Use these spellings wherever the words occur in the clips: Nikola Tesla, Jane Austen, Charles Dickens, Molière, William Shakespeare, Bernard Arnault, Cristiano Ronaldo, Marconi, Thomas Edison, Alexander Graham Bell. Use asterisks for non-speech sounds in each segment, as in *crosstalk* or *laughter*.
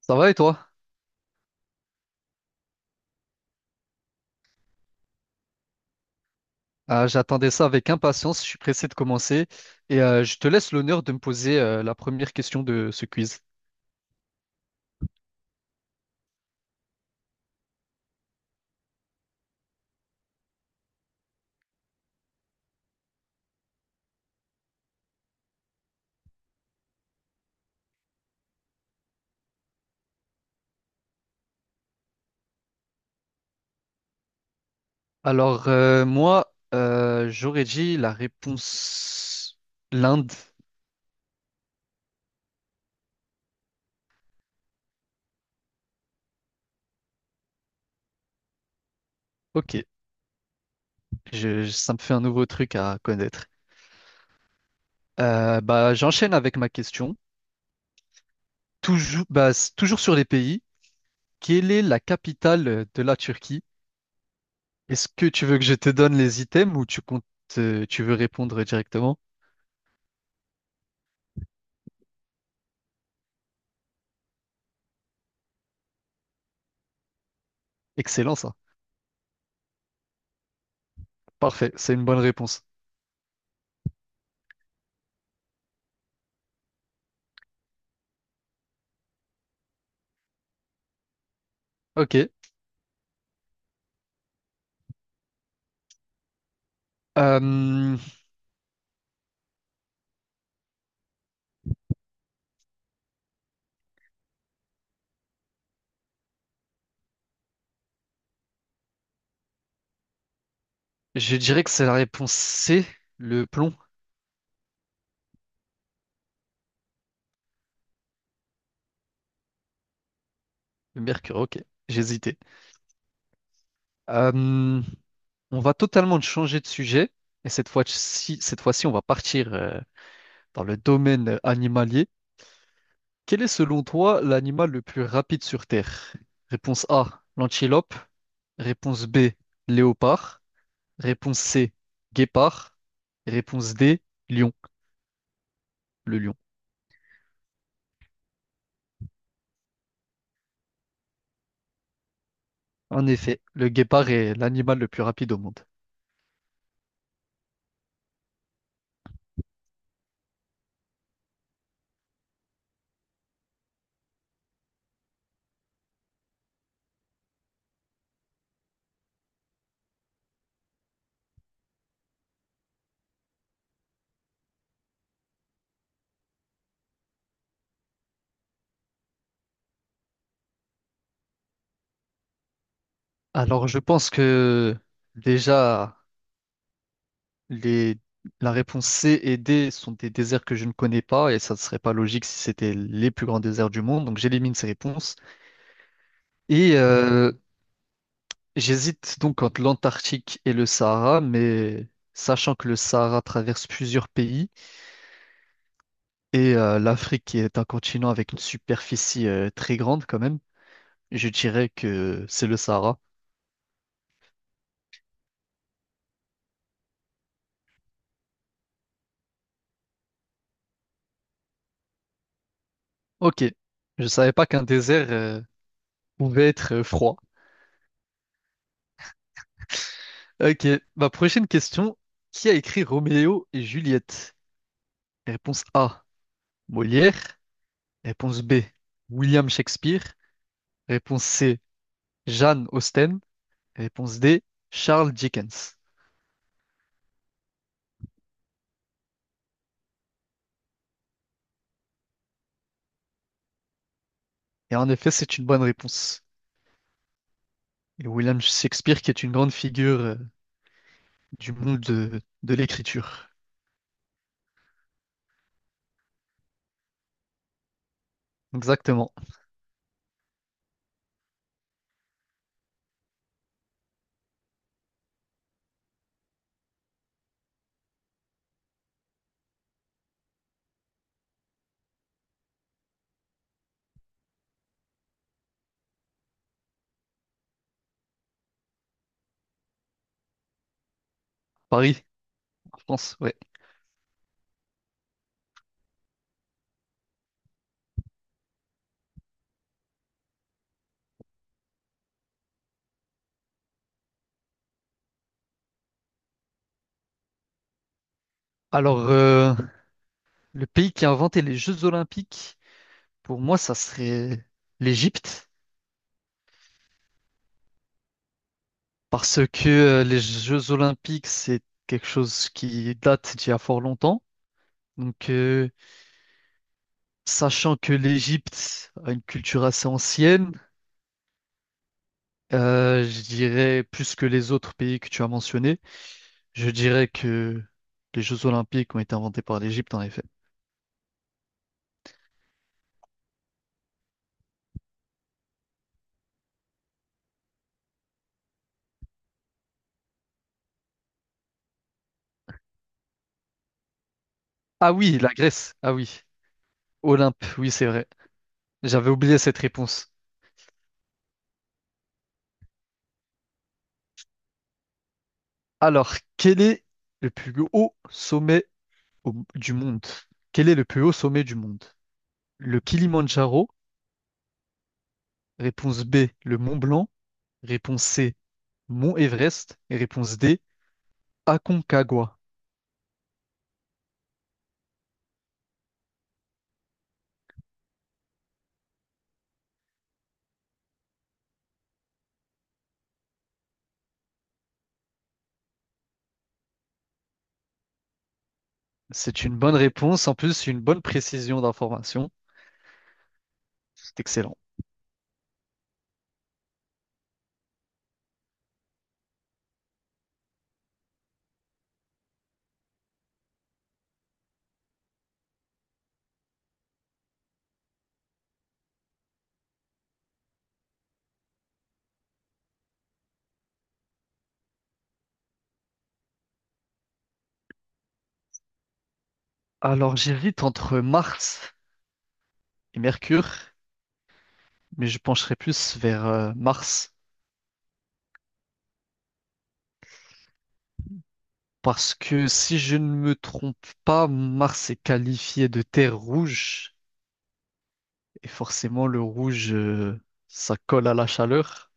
Ça va et toi? J'attendais ça avec impatience, je suis pressé de commencer et je te laisse l'honneur de me poser la première question de ce quiz. Alors moi, j'aurais dit la réponse l'Inde. Ok, ça me fait un nouveau truc à connaître. Bah, j'enchaîne avec ma question. Toujours, bah, toujours sur les pays, quelle est la capitale de la Turquie? Est-ce que tu veux que je te donne les items ou tu comptes, tu veux répondre directement? Excellent ça. Parfait, c'est une bonne réponse. Ok. Euh, je dirais que c'est la réponse C, le plomb, le mercure. Ok, j'hésitais. Euh, on va totalement changer de sujet et cette fois-ci, on va partir dans le domaine animalier. Quel est selon toi l'animal le plus rapide sur Terre? Réponse A, l'antilope. Réponse B, léopard. Réponse C, guépard. Réponse D, lion, le lion. En effet, le guépard est l'animal le plus rapide au monde. Alors, je pense que déjà, les... la réponse C et D sont des déserts que je ne connais pas et ça ne serait pas logique si c'était les plus grands déserts du monde. Donc, j'élimine ces réponses. Et j'hésite donc entre l'Antarctique et le Sahara, mais sachant que le Sahara traverse plusieurs pays et l'Afrique qui est un continent avec une superficie très grande quand même, je dirais que c'est le Sahara. Ok, je savais pas qu'un désert pouvait être froid. Ok, ma prochaine question. Qui a écrit Roméo et Juliette? Réponse A, Molière. Réponse B, William Shakespeare. Réponse C, Jane Austen. Réponse D, Charles Dickens. Et en effet, c'est une bonne réponse. Et William Shakespeare qui est une grande figure du monde de l'écriture. Exactement. Paris, en France, ouais. Alors, le pays qui a inventé les Jeux Olympiques, pour moi, ça serait l'Égypte. Parce que les Jeux Olympiques, c'est quelque chose qui date d'il y a fort longtemps. Donc, sachant que l'Égypte a une culture assez ancienne, je dirais plus que les autres pays que tu as mentionnés, je dirais que les Jeux Olympiques ont été inventés par l'Égypte, en effet. Ah oui, la Grèce. Ah oui, Olympe. Oui, c'est vrai. J'avais oublié cette réponse. Alors, quel est le plus haut sommet du monde? Quel est le plus haut sommet du monde? Le Kilimandjaro. Réponse B, le Mont Blanc. Réponse C, Mont Everest. Et réponse D, Aconcagua. C'est une bonne réponse, en plus une bonne précision d'information. C'est excellent. Alors j'hésite entre Mars et Mercure, mais je pencherai plus vers Mars. Parce que si je ne me trompe pas, Mars est qualifié de terre rouge. Et forcément, le rouge, ça colle à la chaleur.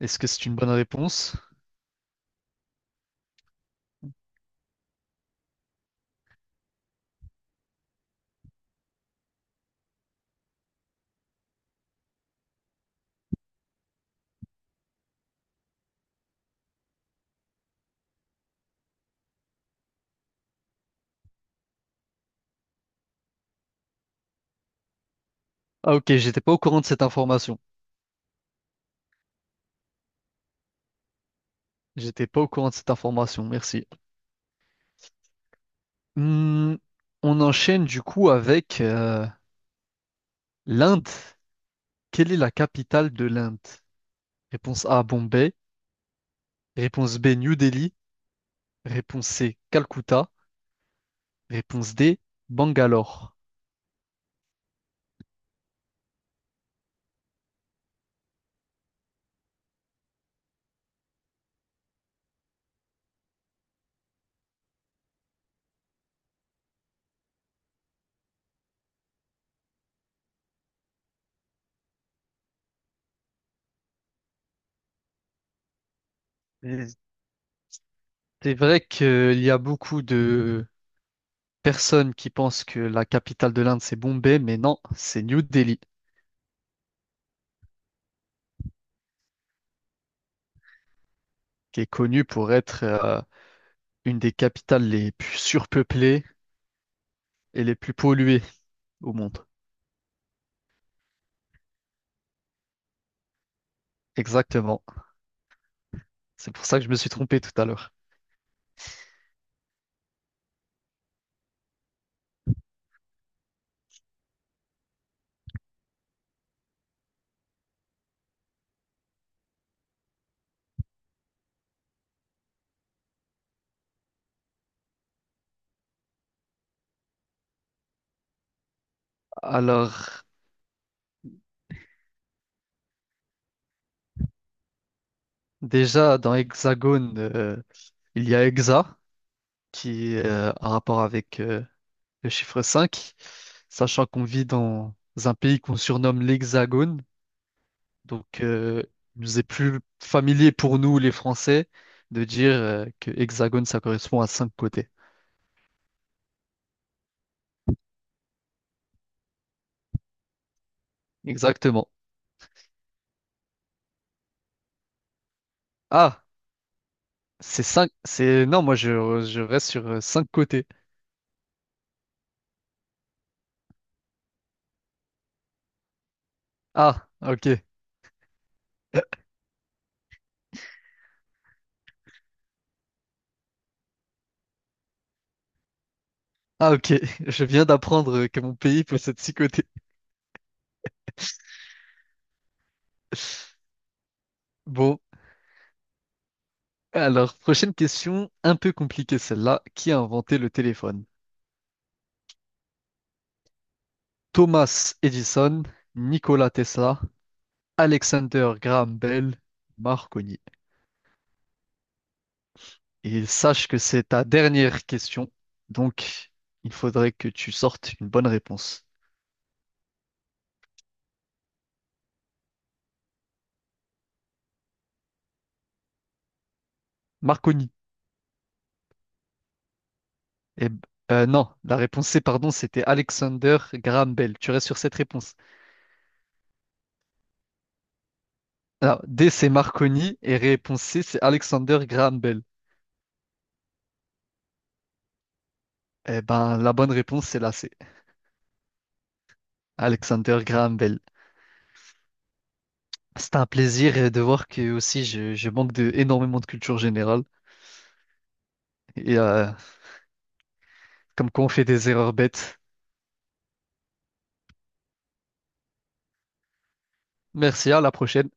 Est-ce que c'est une bonne réponse? Ah ok, j'étais pas au courant de cette information. J'étais pas au courant de cette information, merci. Hmm, on enchaîne du coup avec l'Inde. Quelle est la capitale de l'Inde? Réponse A, Bombay. Réponse B, New Delhi. Réponse C, Calcutta. Réponse D, Bangalore. Et c'est vrai qu'il y a beaucoup de personnes qui pensent que la capitale de l'Inde, c'est Bombay, mais non, c'est New Delhi, qui est connue pour être une des capitales les plus surpeuplées et les plus polluées au monde. Exactement. C'est pour ça que je me suis trompé tout à l'heure. Alors, déjà, dans Hexagone, il y a Hexa, qui est en rapport avec le chiffre 5, sachant qu'on vit dans un pays qu'on surnomme l'Hexagone. Donc, il nous est plus familier pour nous, les Français, de dire que Hexagone, ça correspond à 5 côtés. Exactement. Ah, c'est 5, c'est... Non, moi, je reste sur 5 côtés. Ah, ok. Ah, ok. *laughs* Je viens d'apprendre que mon pays possède 6 côtés. Bon, alors, prochaine question, un peu compliquée celle-là. Qui a inventé le téléphone? Thomas Edison, Nikola Tesla, Alexander Graham Bell, Marconi. Et sache que c'est ta dernière question, donc il faudrait que tu sortes une bonne réponse. Marconi. Et, non, la réponse C, pardon, c'était Alexander Graham Bell. Tu restes sur cette réponse. Alors, D, c'est Marconi et réponse C, c'est Alexander Graham Bell. Eh ben, la bonne réponse, c'est la C. Alexander Graham Bell. C'est un plaisir de voir que aussi je manque de énormément de culture générale et comme quoi on fait des erreurs bêtes. Merci, à la prochaine.